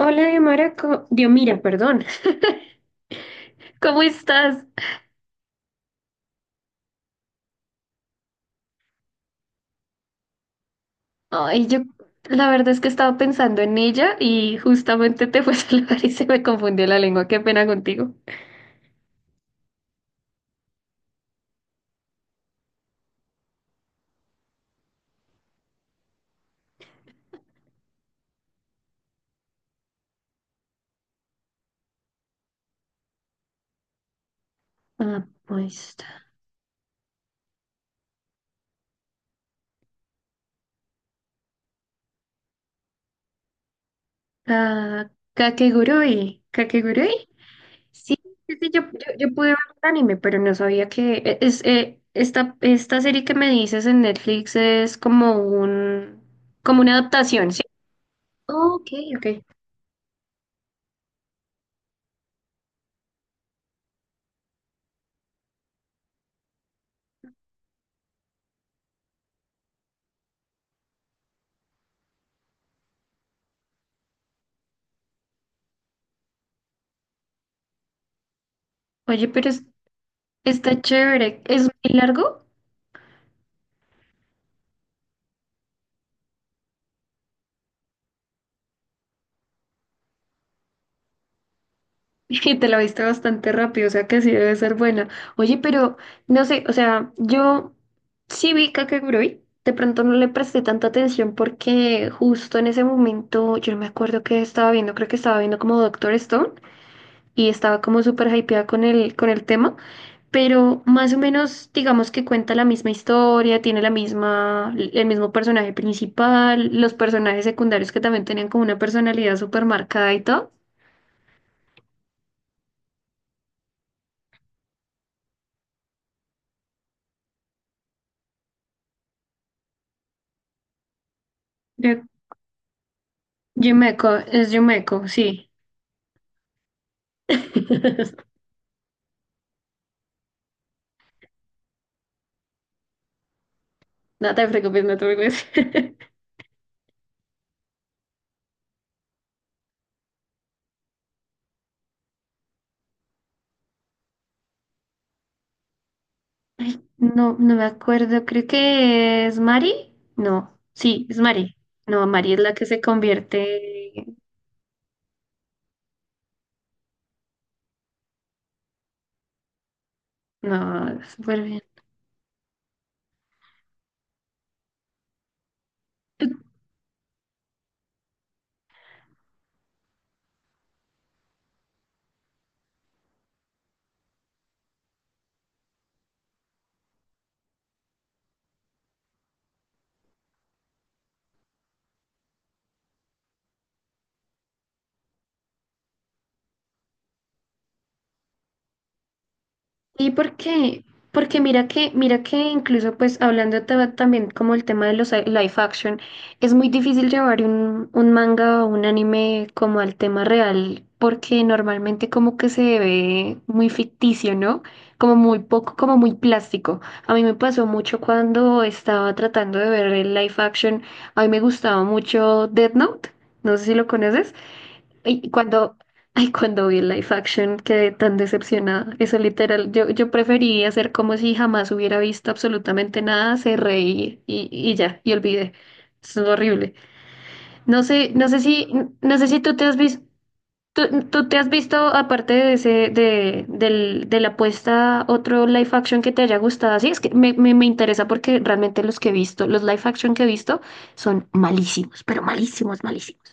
Hola, Diomara, Diomira, perdón. ¿Cómo estás? Ay, yo la verdad es que estaba pensando en ella y justamente te fue a saludar y se me confundió la lengua. Qué pena contigo. Ah, pues está. Ka- Kakegurui. ¿Kakegurui? Sí, sí, sí, yo pude ver el anime, pero no sabía que e- es esta serie que me dices en Netflix es como un como una adaptación, ¿sí? Ok, ok. Oye, pero está chévere. ¿Es muy largo? Y te la viste bastante rápido, o sea que sí debe ser buena. Oye, pero no sé, o sea, yo sí vi Kakegurui, de pronto no le presté tanta atención porque justo en ese momento, yo no me acuerdo qué estaba viendo, creo que estaba viendo como Doctor Stone y estaba como súper hypeada con con el tema, pero más o menos digamos que cuenta la misma historia, tiene la misma, el mismo personaje principal, los personajes secundarios que también tenían como una personalidad súper marcada y todo. Yumeco, es Yumeco, sí. No te preocupes, no te preocupes. No, no me acuerdo, creo que es Mari. No, sí, es Mari. No, Mari es la que se convierte. No, súper bien. Y porque mira mira que incluso pues hablando también como el tema de los live action, es muy difícil llevar un manga o un anime como al tema real, porque normalmente como que se ve muy ficticio, ¿no? Como muy poco, como muy plástico. A mí me pasó mucho cuando estaba tratando de ver el live action, a mí me gustaba mucho Death Note, no sé si lo conoces. Y cuando, ay, cuando vi el live action quedé tan decepcionada. Eso literal, yo preferiría hacer como si jamás hubiera visto absolutamente nada, se reí y ya, y olvidé. Es horrible. No sé, no sé si, no sé si tú te has visto, tú te has visto, aparte de ese, de la apuesta, otro live action que te haya gustado. Sí, es que me interesa porque realmente los que he visto, los live action que he visto son malísimos, pero malísimos, malísimos.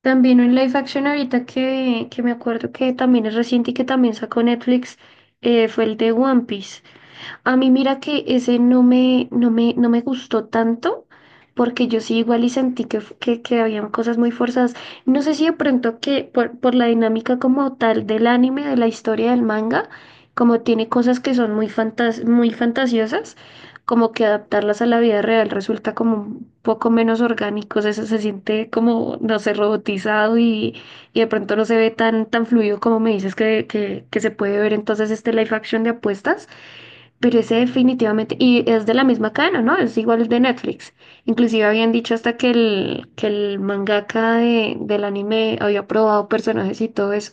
También un live action ahorita que me acuerdo que también es reciente y que también sacó Netflix fue el de One Piece. A mí mira que ese no me gustó tanto, porque yo sí igual y sentí que habían cosas muy forzadas. No sé si de pronto que por la dinámica como tal del anime, de la historia del manga, como tiene cosas que son muy fantasiosas, como que adaptarlas a la vida real resulta como un poco menos orgánico, eso se siente como, no sé, robotizado y de pronto no se ve tan, tan fluido como me dices que se puede ver entonces este live action de apuestas. Pero ese definitivamente, y es de la misma cadena, ¿no? Es igual de Netflix. Inclusive habían dicho hasta que el mangaka del anime había probado personajes y todo eso.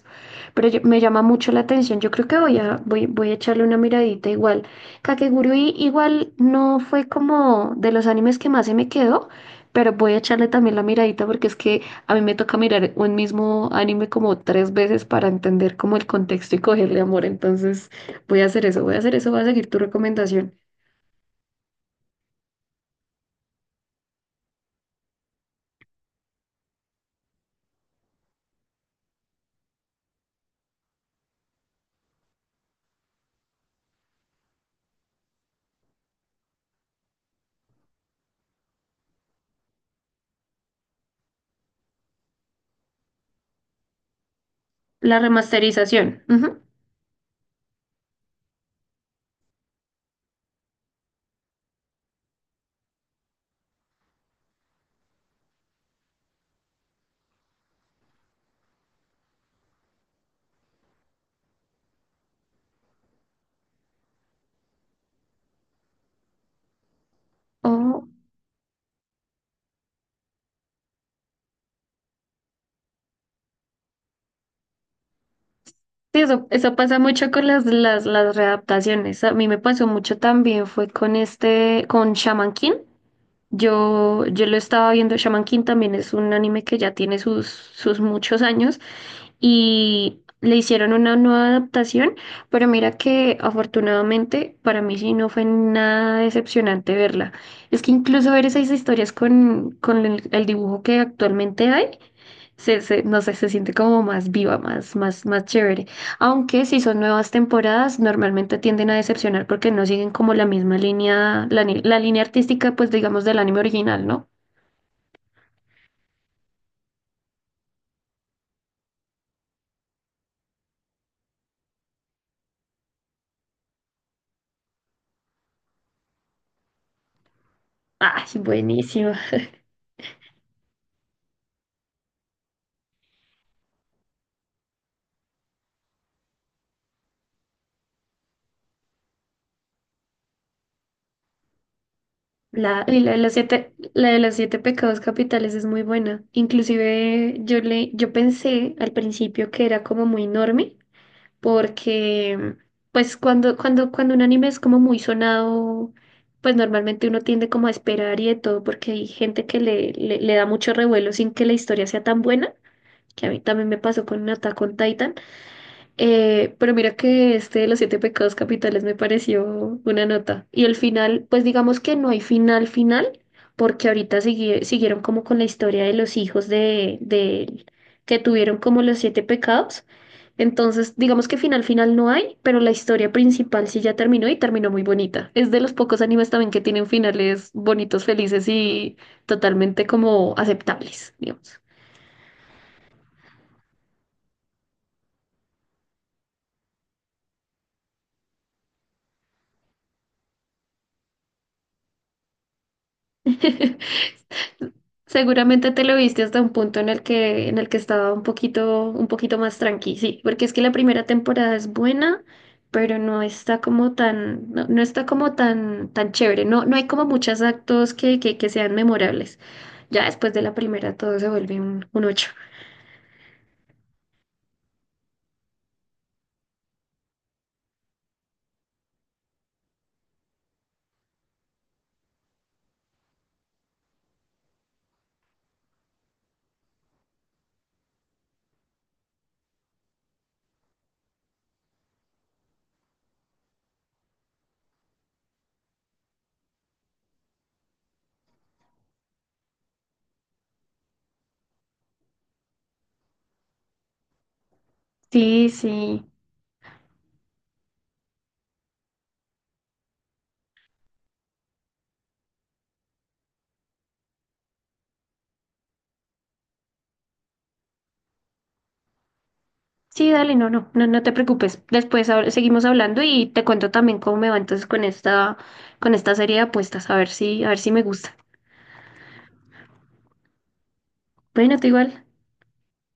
Pero me llama mucho la atención. Yo creo que voy a echarle una miradita igual. Kakegurui igual no fue como de los animes que más se me quedó, pero voy a echarle también la miradita porque es que a mí me toca mirar un mismo anime como tres veces para entender como el contexto y cogerle amor. Entonces, voy a hacer eso, voy a hacer eso, voy a seguir tu recomendación. La remasterización. Ujú. Oh, sí, eso pasa mucho con las readaptaciones. A mí me pasó mucho también, fue con este, con Shaman King. Yo lo estaba viendo, Shaman King también es un anime que ya tiene sus, sus muchos años y le hicieron una nueva adaptación, pero mira que afortunadamente para mí sí no fue nada decepcionante verla. Es que incluso ver esas historias con el dibujo que actualmente hay, no sé, se siente como más viva, más, más, más chévere. Aunque si son nuevas temporadas, normalmente tienden a decepcionar porque no siguen como la misma línea, la, ni- la línea artística, pues digamos, del anime original, ¿no? Ay, buenísima. Y la de los siete, la de los siete pecados capitales es muy buena. Inclusive yo pensé al principio que era como muy enorme porque pues cuando un anime es como muy sonado, pues normalmente uno tiende como a esperar y de todo, porque hay gente le da mucho revuelo sin que la historia sea tan buena, que a mí también me pasó con Attack on Titan, pero mira que este de los siete pecados capitales me pareció una nota, y el final, pues digamos que no hay final final, porque ahorita siguieron como con la historia de los hijos de que tuvieron como los siete pecados, entonces, digamos que final final no hay, pero la historia principal sí ya terminó y terminó muy bonita. Es de los pocos animes también que tienen finales bonitos, felices y totalmente como aceptables, digamos. Seguramente te lo viste hasta un punto en en el que estaba un poquito más tranqui, sí, porque es que la primera temporada es buena, pero no está como tan, no, no está como tan, tan chévere. No, no hay como muchos actos que sean memorables. Ya después de la primera todo se vuelve un ocho. Sí, sí. Sí, dale, no, no, no, no te preocupes. Después seguimos hablando y te cuento también cómo me va entonces con esta serie de apuestas, a ver si me gusta. Bueno, tú igual.